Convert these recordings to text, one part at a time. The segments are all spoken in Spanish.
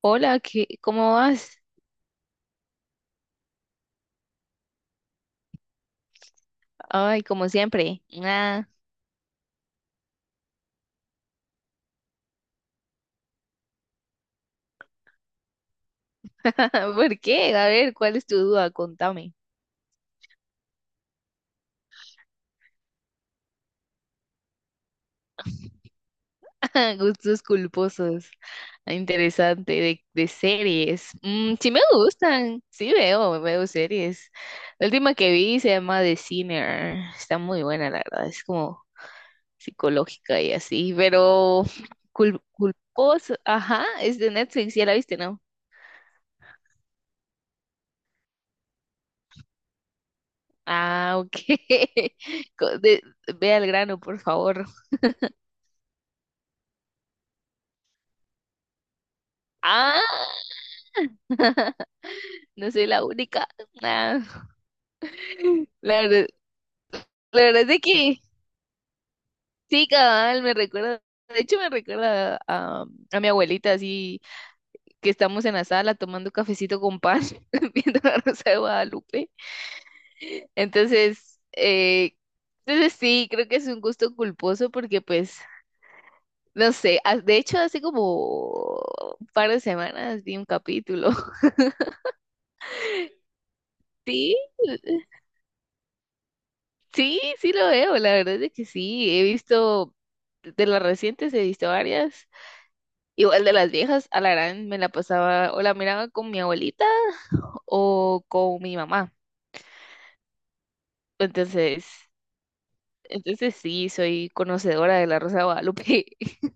Hola, ¿cómo vas? Ay, como siempre. ¿Por qué? A ver, ¿cuál es tu duda? Contame. Gustos culposos. Ah, interesante, de series. Mm, sí me gustan, sí veo series. La última que vi se llama The Sinner. Está muy buena, la verdad. Es como psicológica y así, pero culposo. Ajá, es de Netflix, ya la viste, ¿no? Ah, ok. Co- de- Ve al grano, por favor. Ah, no soy la única. Ah, La verdad, la verdad es de que sí, cabal, me recuerda. De hecho, me recuerda a mi abuelita, así que estamos en la sala tomando cafecito con pan, viendo la Rosa de Guadalupe. Entonces, entonces sí, creo que es un gusto culposo porque, pues, no sé, ah, de hecho, hace como un par de semanas vi un capítulo. Sí, sí, sí lo veo, la verdad es que sí, he visto de las recientes, he visto varias, igual de las viejas, a la gran me la pasaba o la miraba con mi abuelita o con mi mamá, entonces, entonces sí, soy conocedora de la Rosa de Guadalupe.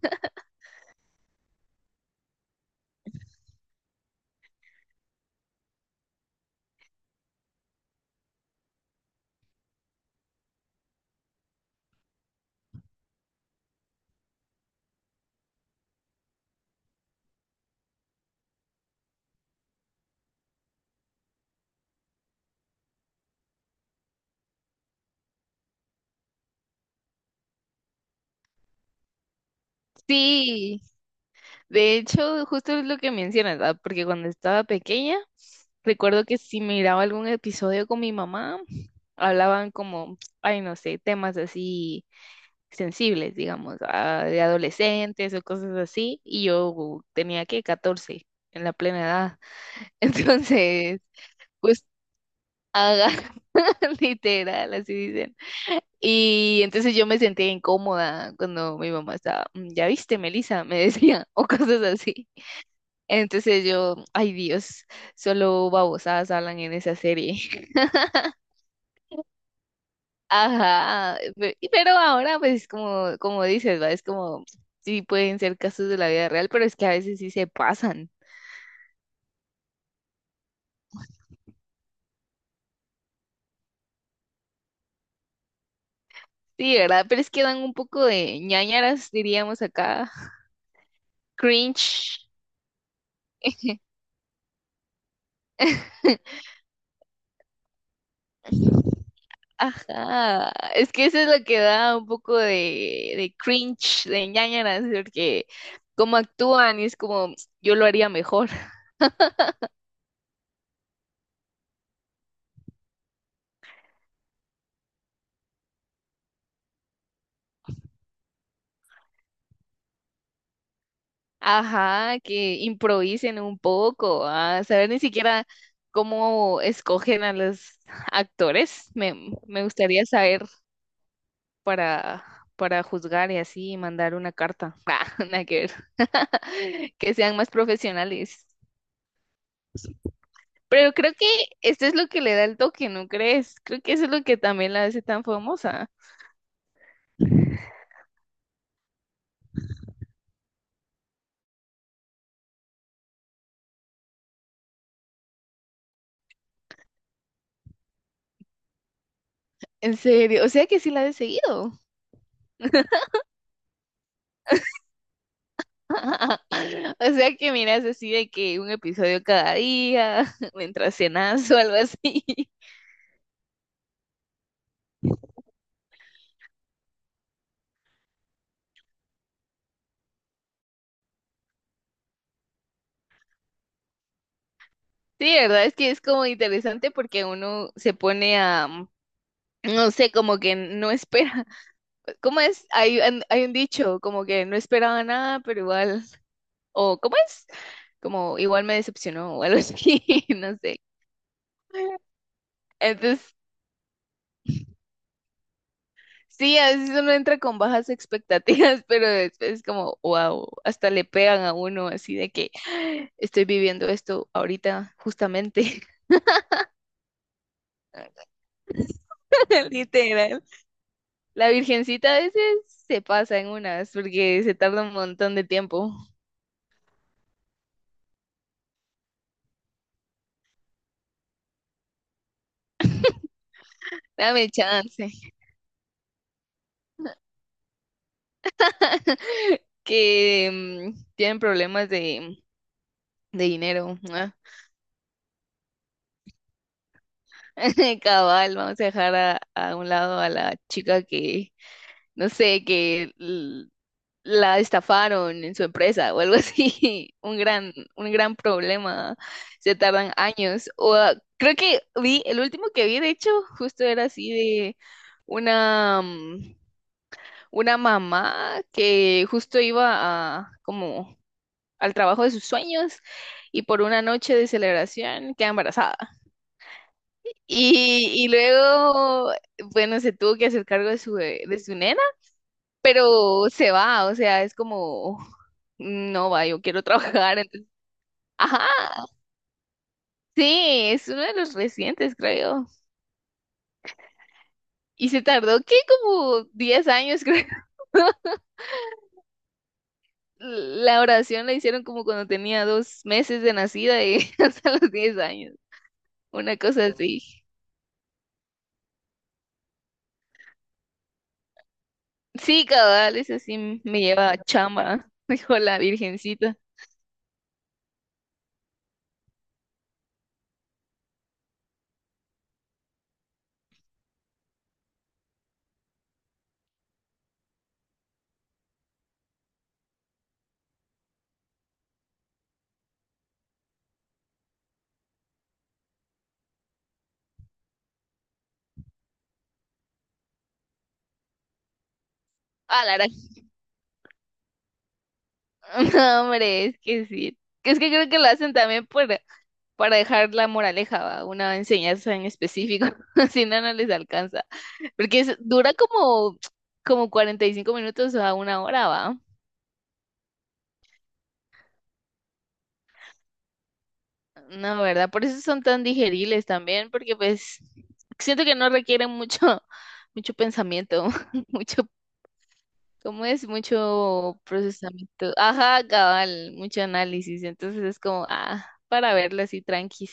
Sí, de hecho, justo es lo que mencionas, ¿verdad? Porque cuando estaba pequeña, recuerdo que si miraba algún episodio con mi mamá, hablaban como, ay, no sé, temas así sensibles, digamos, de adolescentes o cosas así, y yo tenía que 14 en la plena edad. Entonces, pues haga literal, así dicen. Y entonces yo me sentía incómoda cuando mi mamá estaba, "Mm, ya viste, Melissa", me decía, o cosas así. Entonces yo, ay Dios, solo babosadas hablan en esa serie. Ajá, pero ahora pues como, como dices, ¿va? Es como, sí pueden ser casos de la vida real, pero es que a veces sí se pasan. Sí, ¿verdad? Pero es que dan un poco de ñáñaras, diríamos acá. Cringe. Ajá, es que eso es lo que da un poco de cringe, de ñáñaras, porque como actúan y es como, yo lo haría mejor. Ajá, que improvisen un poco, a saber ni siquiera cómo escogen a los actores. Me gustaría saber para, para juzgar y así mandar una carta. Ah, nada que ver. Que sean más profesionales. Pero creo que esto es lo que le da el toque, ¿no crees? Creo que eso es lo que también la hace tan famosa. ¿En serio? O sea que sí la he seguido. O sea que miras así de que un episodio cada día, mientras cenas o algo así. Sí, verdad es que es como interesante porque uno se pone a, mm, no sé, como que no espera. ¿Cómo es? Hay, hay un dicho, como que no esperaba nada, pero igual, o ¿cómo es? Como igual me decepcionó o algo así, no sé. Entonces sí, a veces uno entra con bajas expectativas, pero después es como, wow, hasta le pegan a uno así de que "Ah, estoy viviendo esto ahorita justamente". Literal. La virgencita a veces se pasa en unas porque se tarda un montón de tiempo. Dame chance. Que mm, tienen problemas de dinero. Ah. Cabal, vamos a dejar a un lado a la chica que, no sé, que la estafaron en su empresa o algo así, un gran problema, se tardan años. O, ah, creo que vi, el último que vi, de hecho, justo era así de una, mm, una mamá que justo iba a, como al trabajo de sus sueños y por una noche de celebración queda embarazada. Y luego, bueno, se tuvo que hacer cargo de su, de su nena, pero se va, o sea, es como, no va, yo quiero trabajar, entonces, ajá, sí, es uno de los recientes, creo. Y se tardó, ¿qué? Como 10 años, creo. La oración la hicieron como cuando tenía 2 meses de nacida y hasta los 10 años, una cosa así. Sí, cabal, eso sí me lleva a chamba, dijo la virgencita. Ah, Lara. No, hombre, es que sí. Es que creo que lo hacen también por para dejar la moraleja, ¿va? Una enseñanza en específico. Si no, no les alcanza. Porque dura como, como 45 minutos a una hora, ¿va? No, ¿verdad? Por eso son tan digeribles también, porque pues siento que no requieren mucho, mucho pensamiento, mucho, ¿cómo es? Mucho procesamiento. Ajá, cabal, mucho análisis. Entonces es como, ah, para verlo así tranquis,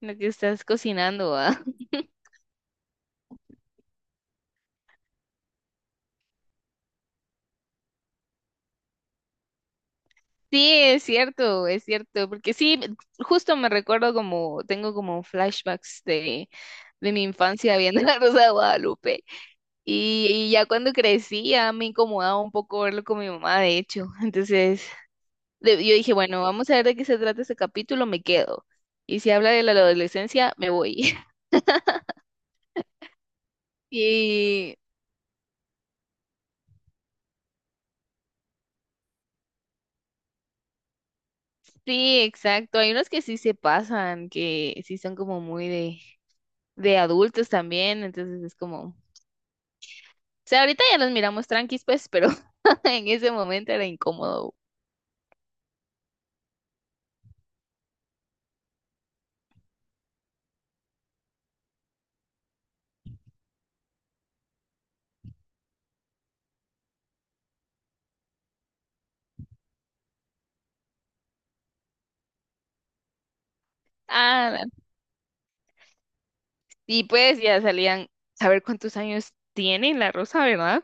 lo que estás cocinando, ¿va? Sí, es cierto, porque sí, justo me recuerdo como, tengo como flashbacks de mi infancia viendo La Rosa de Guadalupe y ya cuando crecí ya me incomodaba un poco verlo con mi mamá, de hecho, entonces yo dije, bueno, vamos a ver de qué se trata este capítulo, me quedo y si habla de la adolescencia, me voy. Y sí, exacto, hay unos que sí se pasan, que sí son como muy de adultos también, entonces es como... O sea, ahorita ya los miramos tranquis, pues, pero en ese momento era incómodo. Ah, y pues ya salían, saber cuántos años tiene la Rosa, ¿verdad?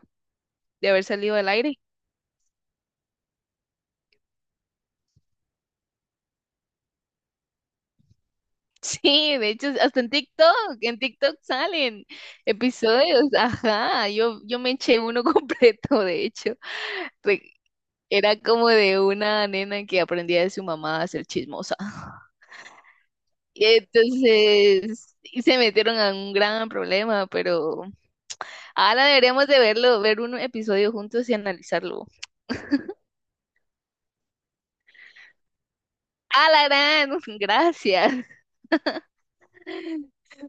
De haber salido del aire. Sí, de hecho, hasta en TikTok salen episodios, ajá, yo me eché uno completo, de hecho. Re- Era como de una nena que aprendía de su mamá a ser chismosa. Y se metieron a un gran problema, pero ahora deberíamos de verlo, ver un episodio juntos y analizarlo. ¡Ah, la gran! Gracias.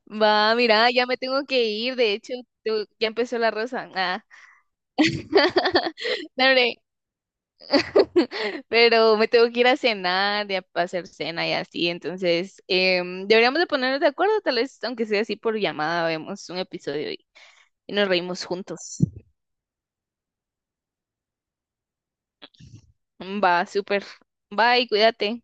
Va, mira, ya me tengo que ir. De hecho, ya empezó la rosa. Ah, no, hombre. Pero me tengo que ir a cenar, ya a hacer cena y así. Entonces, em, deberíamos de ponernos de acuerdo, tal vez, aunque sea así por llamada, vemos un episodio y nos reímos juntos. Va, súper. Bye, cuídate.